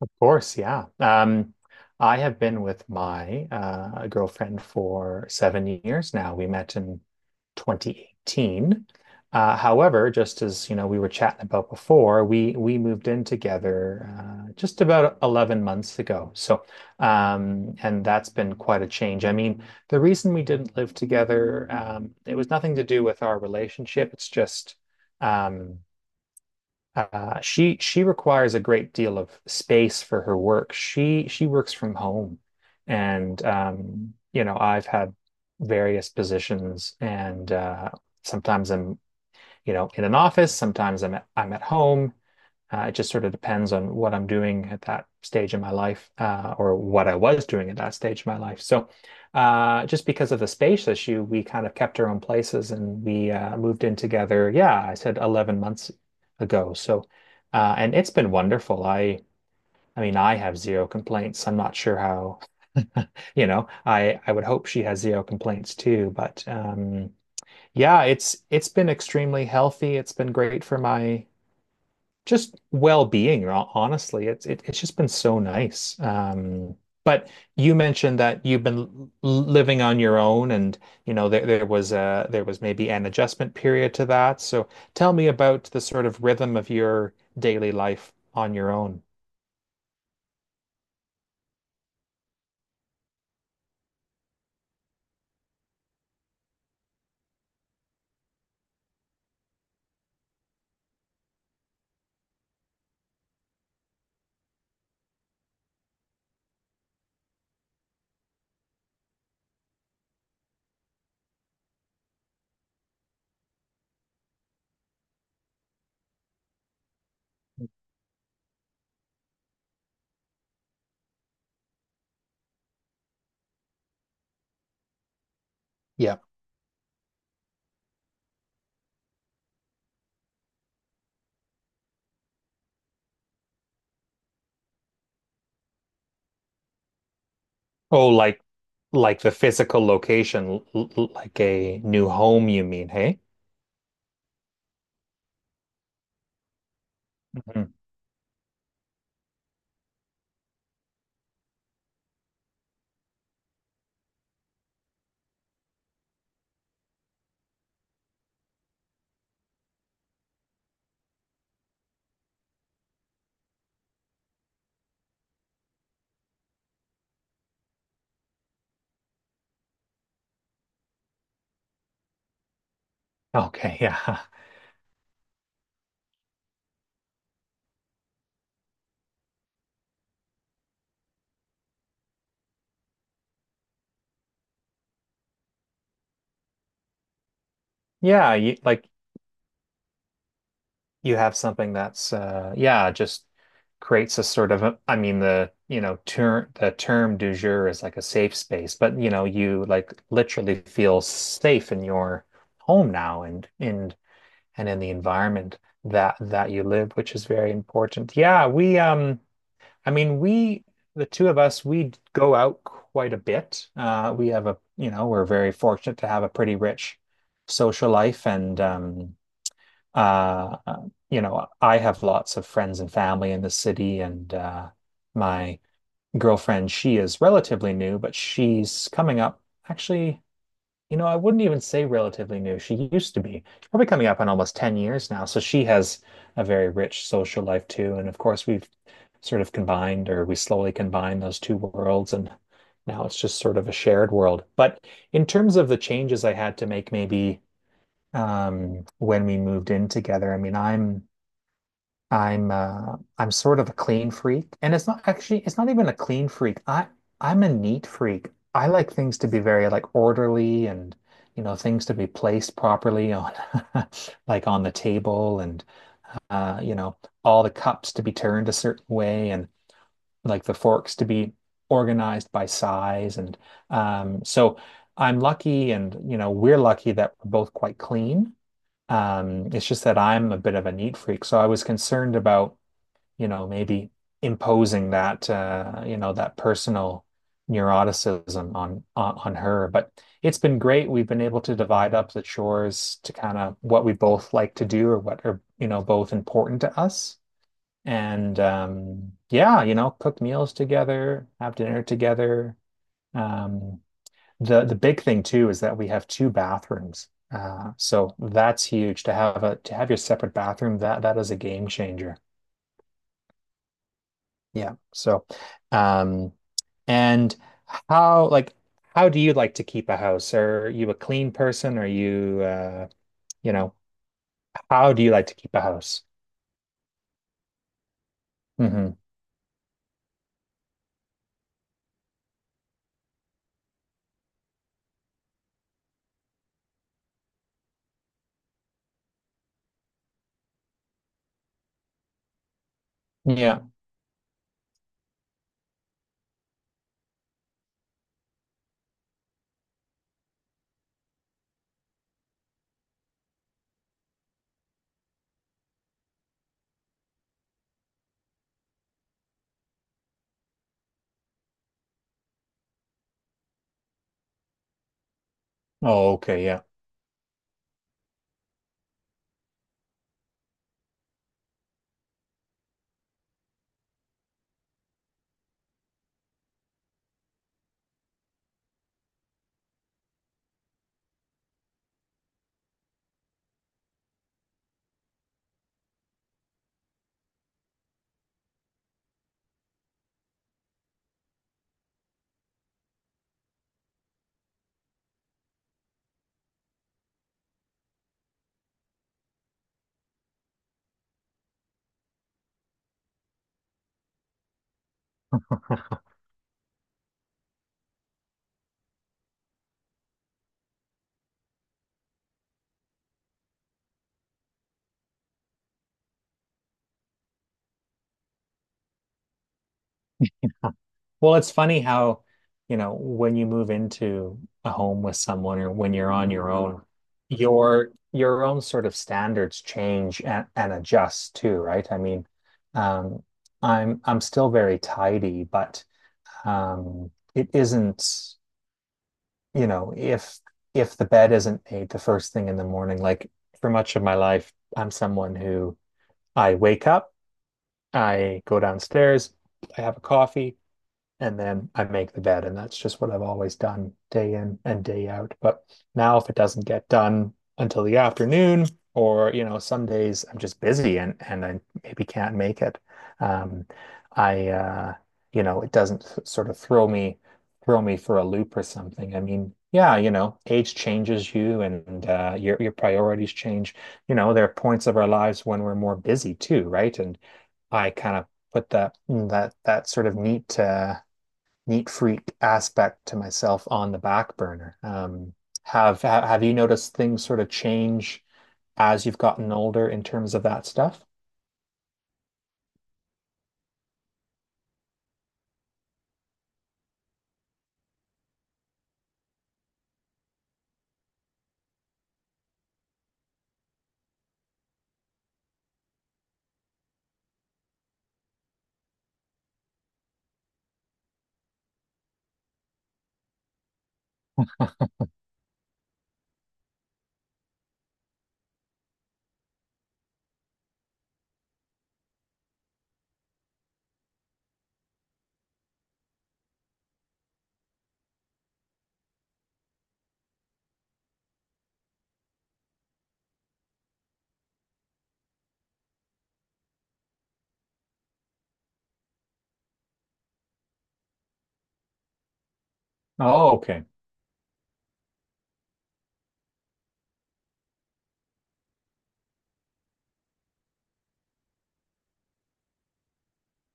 Of course, yeah. I have been with my girlfriend for 7 years now. We met in 2018. However, just as you know, we were chatting about before, we moved in together just about 11 months ago. And that's been quite a change. I mean, the reason we didn't live together, it was nothing to do with our relationship. It's just. Um, she requires a great deal of space for her work. She works from home, and I've had various positions, and sometimes I'm in an office. Sometimes I'm at home. It just sort of depends on what I'm doing at that stage in my life, or what I was doing at that stage in my life. Just because of the space issue, we kind of kept our own places and we moved in together. Yeah, I said 11 months ago. And it's been wonderful. I mean, I have zero complaints. I'm not sure how, I would hope she has zero complaints too, but yeah, it's been extremely healthy. It's been great for my just well-being, honestly. It's just been so nice. But you mentioned that you've been living on your own and there was maybe an adjustment period to that. So tell me about the sort of rhythm of your daily life on your own. Yeah. Oh, like the physical location, like a new home, you mean, hey? Mhm. Okay, yeah. Yeah, you, like you have something that's yeah just creates a sort of a, I mean the term du jour is like a safe space, but you know you like literally feel safe in your home now and in the environment that you live, which is very important. Yeah, we I mean we the two of us, we go out quite a bit. We have a, you know, we're very fortunate to have a pretty rich social life, and uh, you know, I have lots of friends and family in the city, and my girlfriend, she is relatively new, but she's coming up. Actually, you know, I wouldn't even say relatively new. She used to be. She's probably coming up on almost 10 years now. So she has a very rich social life too. And of course, we've sort of combined, or we slowly combine those two worlds. And now it's just sort of a shared world. But in terms of the changes I had to make, maybe when we moved in together. I mean, I'm sort of a clean freak. And it's not actually, it's not even a clean freak. I'm a neat freak. I like things to be very like orderly and, you know, things to be placed properly on like on the table, and uh you know all the cups to be turned a certain way, and like the forks to be organized by size. And um so I'm lucky, and you know we're lucky that we're both quite clean. It's just that I'm a bit of a neat freak, so I was concerned about, you know, maybe imposing that, you know, that personal neuroticism on, on her. But it's been great. We've been able to divide up the chores to kind of what we both like to do, or what are, you know, both important to us. And yeah, you know, cook meals together, have dinner together. Um, the big thing too is that we have two bathrooms. So that's huge to have a to have your separate bathroom. That is a game changer. Yeah. So, um, and how like how do you like to keep a house? Are you a clean person? Are you, you know, how do you like to keep a house? Hmm. Yeah. Oh, okay. Yeah. Well, it's funny how, you know, when you move into a home with someone or when you're on your own sort of standards change and adjust too, right? I mean, um, I'm still very tidy, but it isn't, you know, if the bed isn't made the first thing in the morning, like for much of my life, I'm someone who I wake up, I go downstairs, I have a coffee, and then I make the bed. And that's just what I've always done, day in and day out. But now, if it doesn't get done until the afternoon, or you know, some days I'm just busy and I maybe can't make it. Um, I you know, it doesn't sort of throw me for a loop or something. I mean, yeah, you know, age changes you, and your priorities change. You know, there are points of our lives when we're more busy too, right? And I kind of put that sort of neat freak aspect to myself on the back burner. Have you noticed things sort of change as you've gotten older in terms of that stuff? Oh, okay.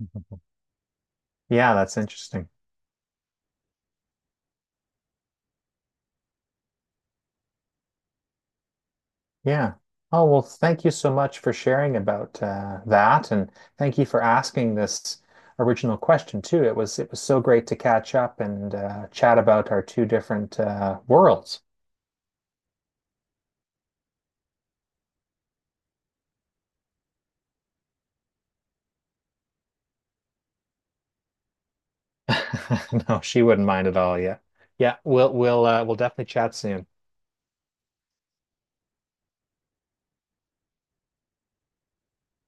Yeah, that's interesting. Yeah. Oh, well, thank you so much for sharing about that, and thank you for asking this original question too. It was so great to catch up and chat about our two different worlds. No, she wouldn't mind at all. Yeah, yeah. We'll definitely chat soon.